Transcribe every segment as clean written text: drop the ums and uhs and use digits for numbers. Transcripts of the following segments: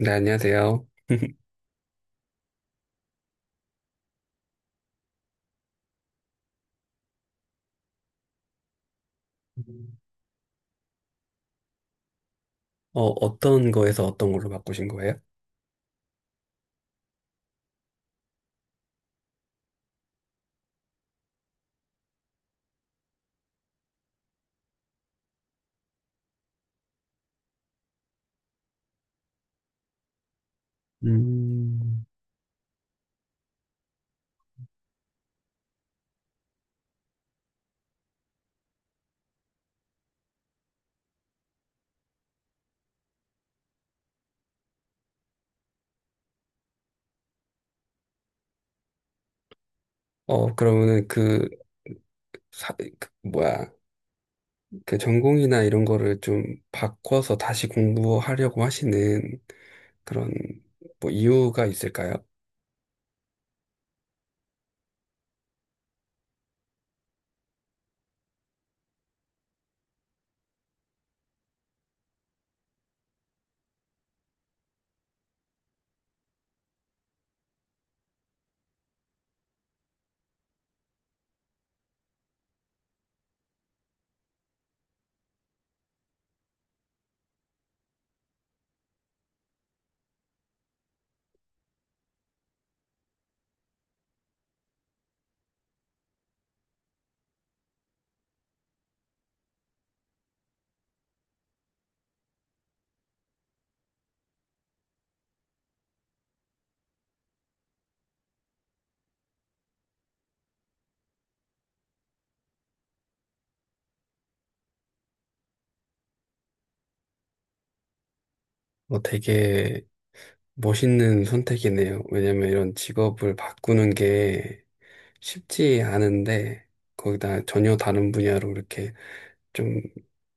네, 안녕하세요. 어떤 거에서 어떤 걸로 바꾸신 거예요? 음, 그러면은 그, 사, 그 뭐야, 그 전공이나 이런 거를 좀 바꿔서 다시 공부하려고 하시는 그런 뭐 이유가 있을까요? 되게 멋있는 선택이네요. 왜냐면 이런 직업을 바꾸는 게 쉽지 않은데 거기다 전혀 다른 분야로 이렇게 좀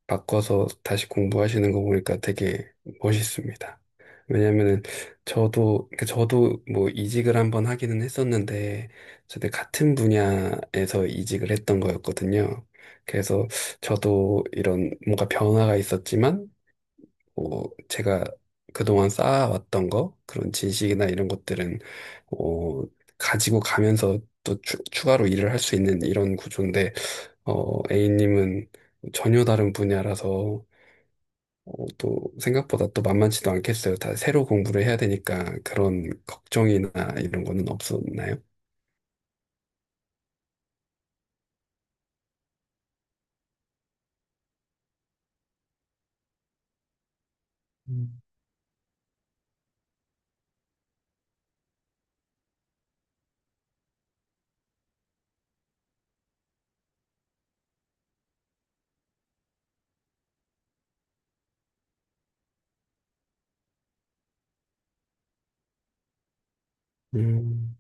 바꿔서 다시 공부하시는 거 보니까 되게 멋있습니다. 왜냐면은 저도 그러니까 저도 뭐 이직을 한번 하기는 했었는데 저도 같은 분야에서 이직을 했던 거였거든요. 그래서 저도 이런 뭔가 변화가 있었지만 뭐 제가 그동안 쌓아왔던 거 그런 지식이나 이런 것들은 어, 가지고 가면서 또 추가로 일을 할 수 있는 이런 구조인데, A님은 전혀 다른 분야라서 또 생각보다 또 만만치도 않겠어요. 다 새로 공부를 해야 되니까 그런 걱정이나 이런 거는 없었나요? 음.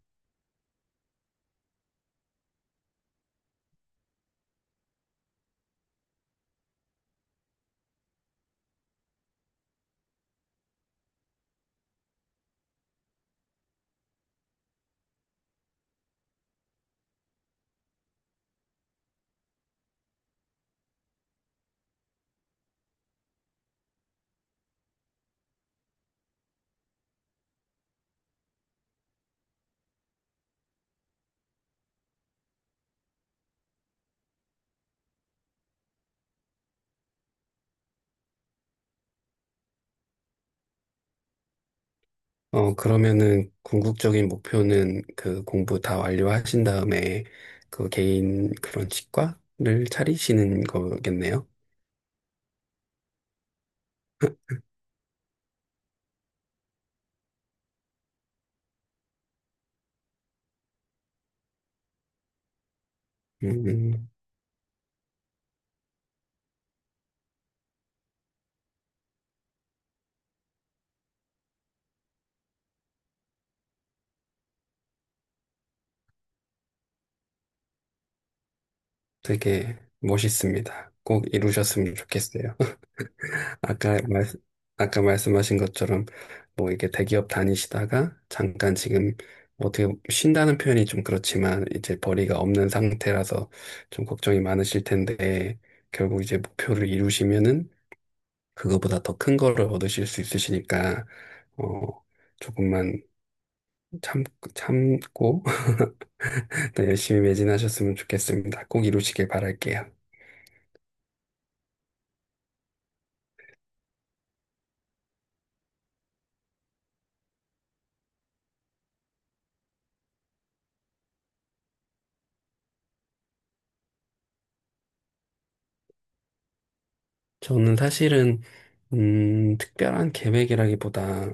그러면은 궁극적인 목표는 그 공부 다 완료하신 다음에 그 개인 그런 치과를 차리시는 거겠네요. 음, 되게 멋있습니다. 꼭 이루셨으면 좋겠어요. 아까 말, 아까 말씀하신 것처럼 뭐 이게 대기업 다니시다가 잠깐 지금 뭐 어떻게 쉰다는 표현이 좀 그렇지만 이제 벌이가 없는 상태라서 좀 걱정이 많으실 텐데 결국 이제 목표를 이루시면은 그거보다 더 큰 거를 얻으실 수 있으시니까 어 조금만 참 참고 더 열심히 매진하셨으면 좋겠습니다. 꼭 이루시길 바랄게요. 저는 사실은 특별한 계획이라기보다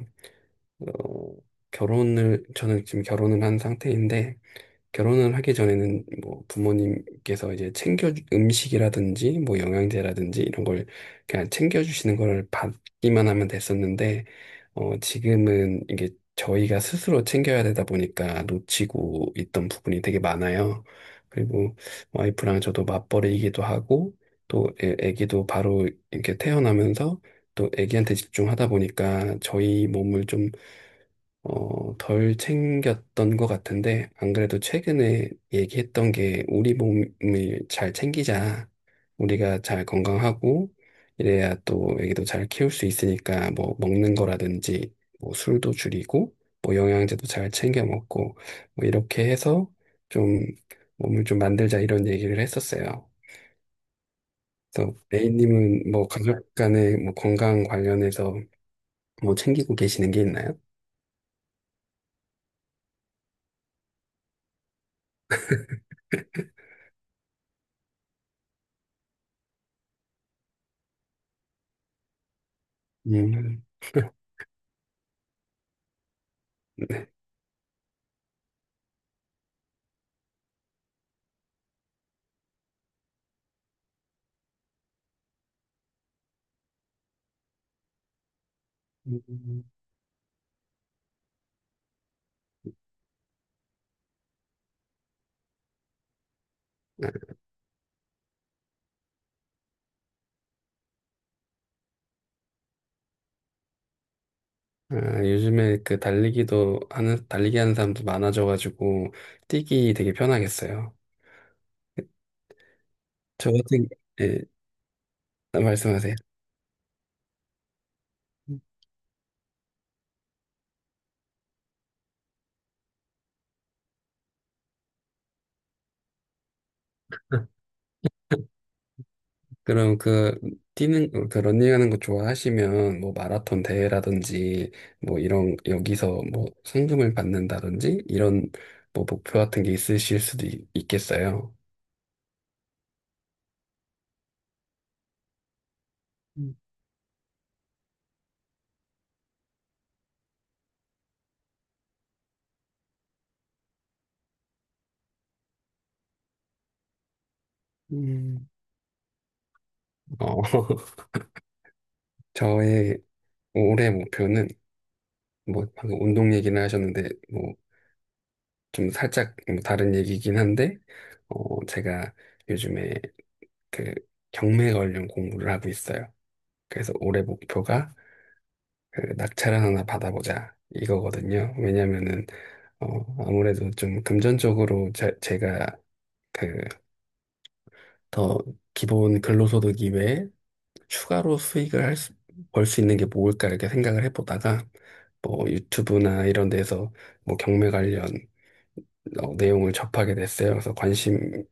어, 결혼을 저는 지금 결혼을 한 상태인데, 결혼을 하기 전에는 뭐 부모님께서 이제 챙겨 음식이라든지 뭐 영양제라든지 이런 걸 그냥 챙겨주시는 걸 받기만 하면 됐었는데 지금은 이게 저희가 스스로 챙겨야 되다 보니까 놓치고 있던 부분이 되게 많아요. 그리고 와이프랑 저도 맞벌이이기도 하고 또 애기도 바로 이렇게 태어나면서 또 애기한테 집중하다 보니까 저희 몸을 좀 덜 챙겼던 것 같은데, 안 그래도 최근에 얘기했던 게 우리 몸을 잘 챙기자. 우리가 잘 건강하고, 이래야 또 애기도 잘 키울 수 있으니까, 뭐, 먹는 거라든지, 뭐, 술도 줄이고, 뭐, 영양제도 잘 챙겨 먹고, 뭐, 이렇게 해서 좀 몸을 좀 만들자 이런 얘기를 했었어요. 그래서 A님은 뭐, 가족 간에 뭐, 건강 관련해서 뭐, 챙기고 계시는 게 있나요? 음. 음. 아, 요즘에 달리기 하는 사람도 많아져가지고 뛰기 되게 편하겠어요. 저 같은, 예, 말씀하세요. 그럼 그, 뛰는, 그 런닝하는 거 좋아하시면, 뭐 마라톤 대회라든지, 뭐 이런, 여기서 뭐 상금을 받는다든지, 이런 뭐 목표 같은 게 있겠어요. 음, 음, 어, 저의 올해 목표는, 뭐 방금 운동 얘기를 하셨는데, 뭐 좀 살짝 뭐 다른 얘기긴 한데, 제가 요즘에 그 경매 관련 공부를 하고 있어요. 그래서 올해 목표가 그 낙찰을 하나 받아보자 이거거든요. 왜냐면은, 어, 아무래도 좀 금전적으로 제가 그 더 기본 근로소득 이외에 추가로 수익을 할 수, 벌 수 있는 게 뭘까 이렇게 생각을 해보다가 뭐 유튜브나 이런 데서 뭐 경매 관련 내용을 접하게 됐어요. 그래서 관심이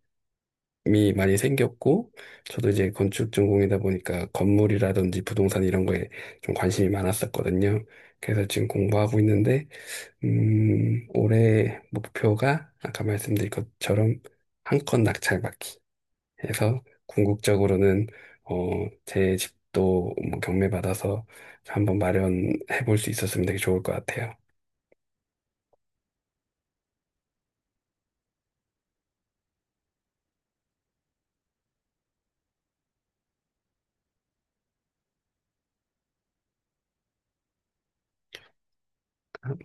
이 많이 생겼고, 저도 이제 건축 전공이다 보니까 건물이라든지 부동산 이런 거에 좀 관심이 많았었거든요. 그래서 지금 공부하고 있는데, 올해 목표가 아까 말씀드린 것처럼 한 건 낙찰받기 해서 궁극적으로는, 어, 제 집도 뭐 경매받아서 한번 마련해 볼 수 있었으면 되게 좋을 것 같아요.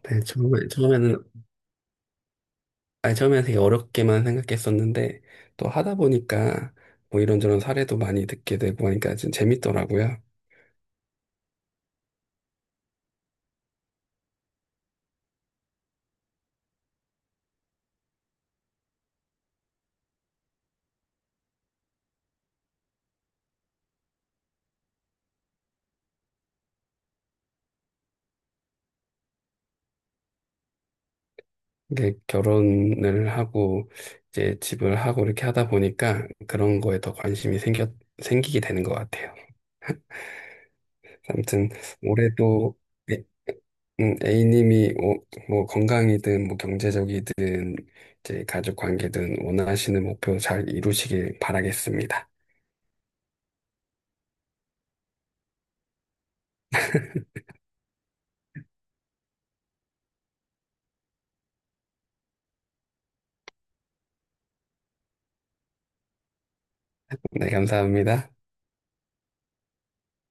네, 처음에, 아니, 처음에 되게 어렵게만 생각했었는데, 또 하다 보니까 뭐 이런저런 사례도 많이 듣게 되고 하니까 좀 재밌더라고요. 이게 결혼을 하고, 이제 집을 하고 이렇게 하다 보니까 그런 거에 더 관심이 생기게 되는 것 같아요. 아무튼, 올해도 애- A님이 뭐, 뭐 건강이든 뭐 경제적이든 이제 가족 관계든 원하시는 목표 잘 이루시길 바라겠습니다. 네, 감사합니다.